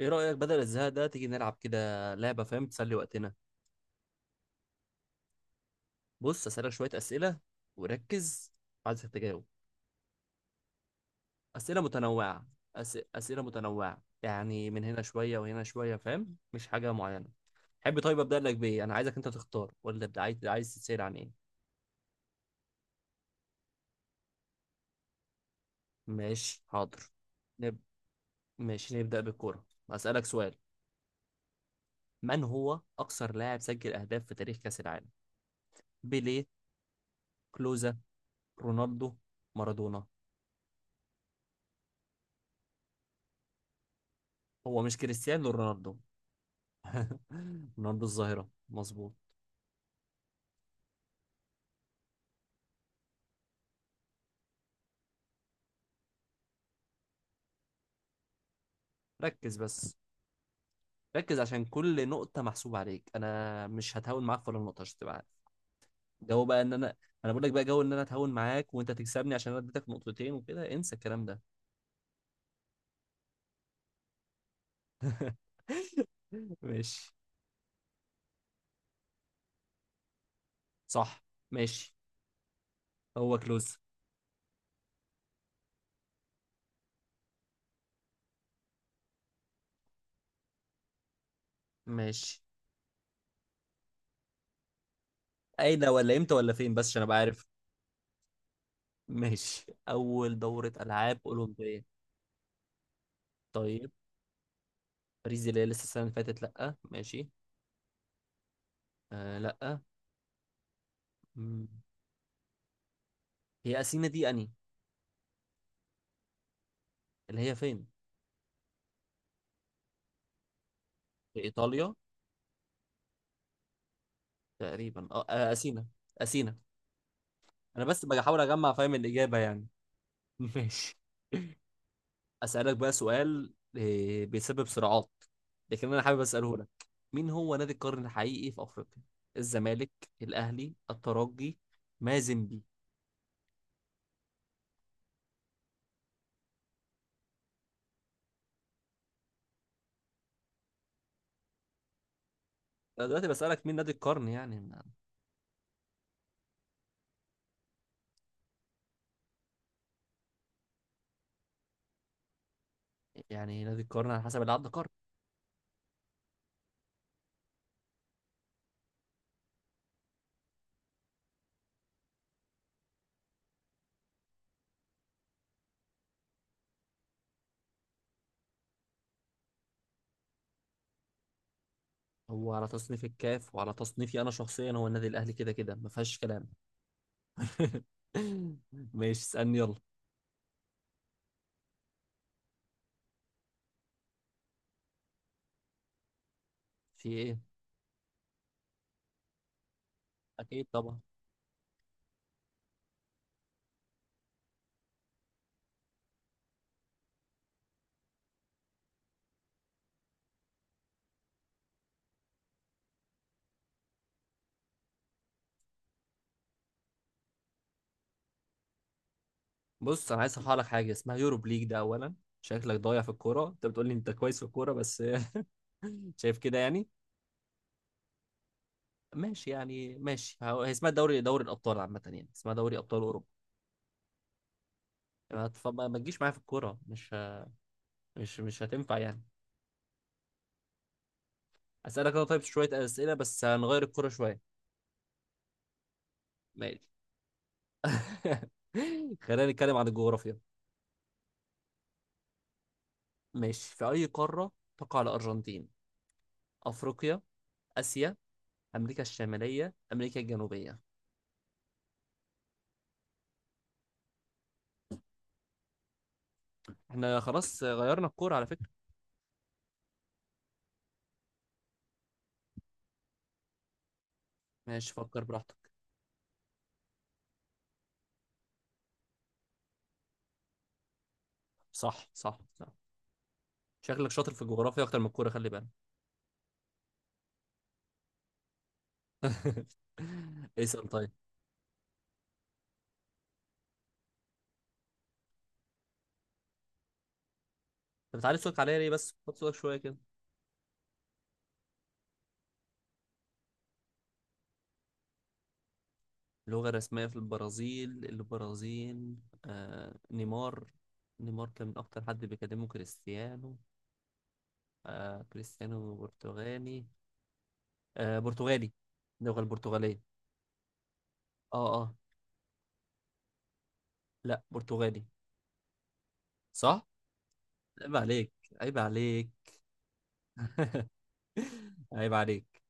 ايه رأيك بدل الزهق ده تيجي نلعب كده لعبة، فاهم؟ تسلي وقتنا. بص أسألك شوية أسئلة وركز. عايزك تجاوب. أسئلة متنوعة. أسئلة متنوعة، يعني من هنا شوية وهنا شوية، فاهم؟ مش حاجة معينة. حب طيب أبدأ لك بإيه، أنا عايزك أنت تختار، ولا أبدأ عايز تسأل عن إيه؟ ماشي حاضر. نب... ماشي نبدأ بالكورة. أسألك سؤال. من هو أكثر لاعب سجل أهداف في تاريخ كأس العالم؟ بيليه، كلوزا، رونالدو، مارادونا. هو مش كريستيانو رونالدو. من ارض الظاهره مظبوط. ركز بس، ركز عشان كل نقطه محسوبه عليك، انا مش هتهاون معاك في ولا نقطه عشان تبقى عارف. جو بقى ان انا بقول لك بقى جو ان انا اتهاون معاك وانت تكسبني، عشان انا اديتك نقطتين وكده انسى الكلام ده. ماشي، صح. ماشي. هو كلوز. ماشي. اين ولا امتى ولا فين، بس عشان ابقى عارف. ماشي اول دوره العاب اولمبيه. طيب. باريس دي اللي هي لسه السنه اللي فاتت، لا ماشي. لا. مم. هي اثينا دي اني. اللي هي فين؟ في ايطاليا. تقريبا اثينا. اثينا. انا بس بحاول اجمع، فاهم؟ الاجابه يعني. ماشي. اسالك بقى سؤال بيسبب صراعات، لكن انا حابب اساله لك. مين هو نادي القرن الحقيقي في افريقيا؟ الزمالك، الاهلي، الترجي، مازيمبي. انا دلوقتي بسالك مين نادي القرن يعني. يعني نادي القرن على حسب اللي عدى قرن. هو على تصنيف الكاف وعلى تصنيفي انا شخصيا، هو النادي الاهلي كده كده ما فيهاش كلام. ماشي اسالني يلا. في ايه؟ اكيد طبعا. بص انا عايز اصحح لك حاجه، اسمها يوروب ليج ده اولا. شكلك ضايع في الكوره، انت بتقول لي انت كويس في الكوره بس. شايف كده يعني. ماشي يعني ماشي. هي اسمها دوري الابطال، عامه يعني اسمها دوري ابطال اوروبا. ما تف- ما ما تجيش معايا في الكوره، مش ه- مش مش هتنفع يعني. اسالك انا طيب شويه اسئله، بس هنغير الكوره شويه. ماشي. خلينا نتكلم عن الجغرافيا. ماشي. في اي قاره تقع الارجنتين؟ افريقيا، اسيا، امريكا الشماليه، امريكا الجنوبيه؟ احنا خلاص غيرنا الكوره على فكره. ماشي فكر براحتك. صح صح صح. شكلك شاطر في الجغرافيا اكتر من الكوره، خلي بالك. اسال طيب. انت بتعلي صوتك عليا ليه بس؟ خد صوتك شويه كده. اللغه الرسميه في البرازيل، البرازيل آه نيمار. نيمار كان من اكتر حد بيكلمه كريستيانو. آه كريستيانو برتغالي. آه برتغالي. اللغه البرتغاليه. اه اه. لا برتغالي. صح. عيب عليك، عيب عليك. عيب عليك.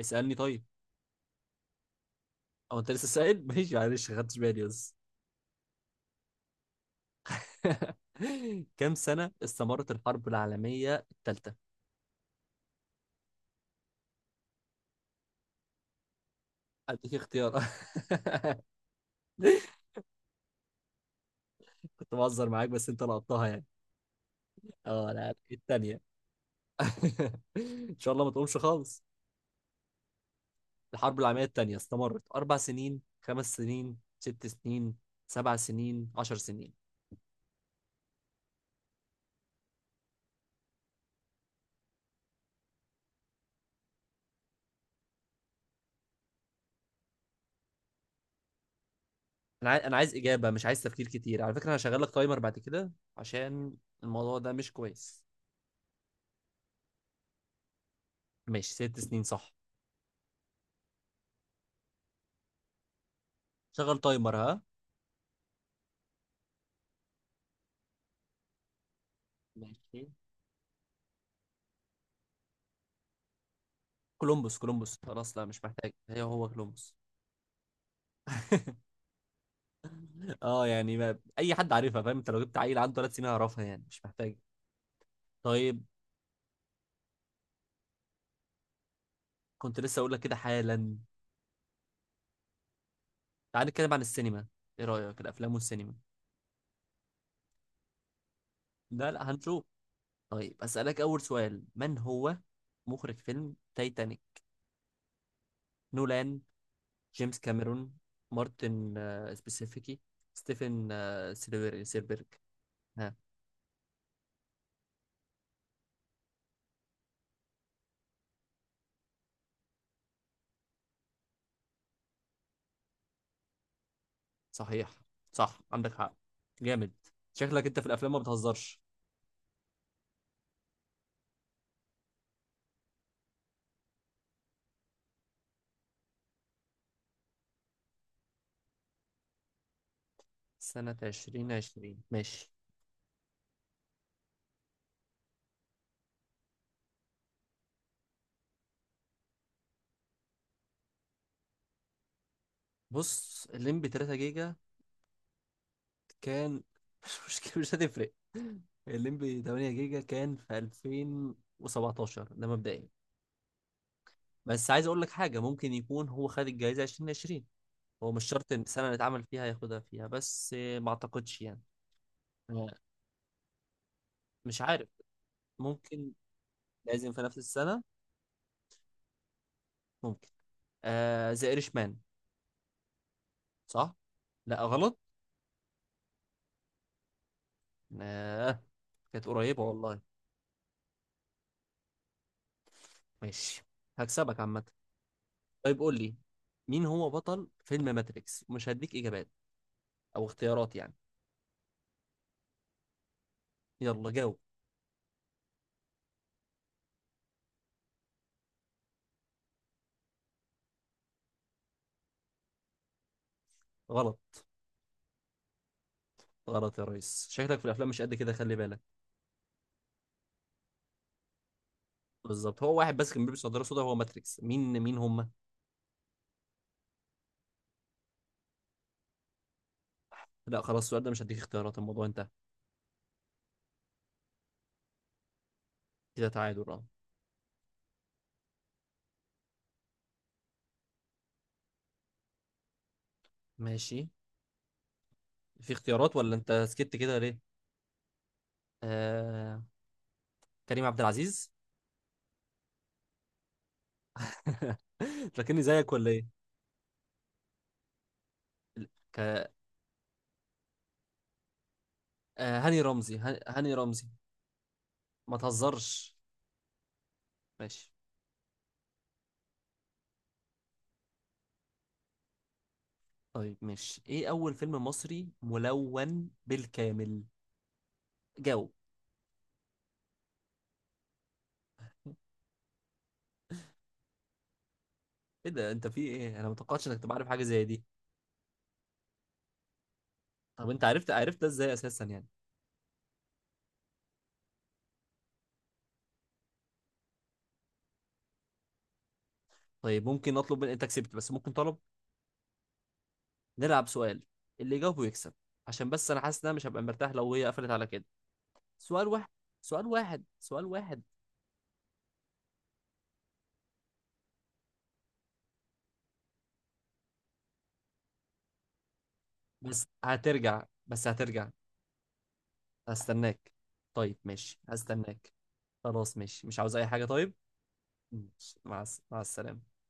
اسالني طيب. او انت لسه سائل؟ ماشي معلش ما خدتش بالي بس. كم سنة استمرت الحرب العالمية الثالثة؟ أديك اختيار. كنت بهزر معاك بس أنت لقطتها يعني. أه لا الثانية. إن شاء الله ما تقومش خالص. الحرب العالمية الثانية استمرت 4 سنين، 5 سنين، 6 سنين، 7 سنين، 10 سنين؟ أنا عايز إجابة مش عايز تفكير كتير. على فكرة أنا هشغل لك تايمر بعد كده عشان الموضوع ده مش كويس. ماشي 6 سنين صح. شغل تايمر ها. ماشي. كولومبوس خلاص، لا مش محتاج هي، هو كولومبوس. اه يعني ما... اي حد عارفها، فاهم؟ انت لو جبت عيل عنده 3 سنين هيعرفها يعني، مش محتاج. طيب. كنت لسه اقول لك كده حالا. تعال نتكلم عن السينما. ايه رايك الافلام والسينما؟ لا لا هنشوف. طيب اسالك اول سؤال. من هو مخرج فيلم تايتانيك؟ نولان، جيمس كاميرون، مارتن سبيسيفيكي، ستيفن سيلبرج. ها؟ صحيح. صح عندك حق. جامد. شكلك انت في الافلام ما بتهزرش. سنة 2020 ماشي. بص الليمبي 3 جيجا كان مش مشكلة مش هتفرق. الليمبي 8 جيجا كان في 2017 ده مبدئيا. بس عايز أقول لك حاجة، ممكن يكون هو خد الجايزة 2020. هو مش شرط إن السنة اللي اتعمل فيها ياخدها فيها، بس ما أعتقدش يعني. أنا مش عارف. ممكن. لازم في نفس السنة. ممكن. ذا إيرش مان. صح؟ لا غلط. آه. كانت قريبة والله. ماشي. هكسبك عامة. طيب قول لي. مين هو بطل فيلم ماتريكس؟ ومش هديك اجابات او اختيارات يعني. يلا جاوب. غلط. غلط يا ريس، شكلك في الافلام مش قد كده خلي بالك. بالظبط، هو واحد بس كان بيلبس نظاره سودا هو ماتريكس، مين هم؟ لا خلاص السؤال ده مش هديك اختيارات، الموضوع انتهى. كده تعادل اه. ماشي. في اختيارات ولا انت سكت كده ليه؟ آه... كريم عبد العزيز. فاكرني زيك ولا ايه؟ ك... هاني رمزي. هاني رمزي. ما تهزرش. ماشي. طيب ماشي. ايه اول فيلم مصري ملون بالكامل؟ جاوب. ايه ده انت في ايه؟ انا ما توقعتش انك تبقى عارف حاجه زي دي. طب انت عرفت، عرفت ده ازاي اساسا يعني؟ طيب ممكن اطلب من، انت كسبت بس ممكن طلب. نلعب سؤال، اللي يجاوبه يكسب، عشان بس انا حاسس ان انا مش هبقى مرتاح لو هي قفلت على كده. سؤال واحد، سؤال واحد، سؤال واحد. بس هترجع، بس هترجع. هستناك. طيب ماشي هستناك. خلاص ماشي مش عاوز اي حاجه طيب. ماشي. مع السلامه.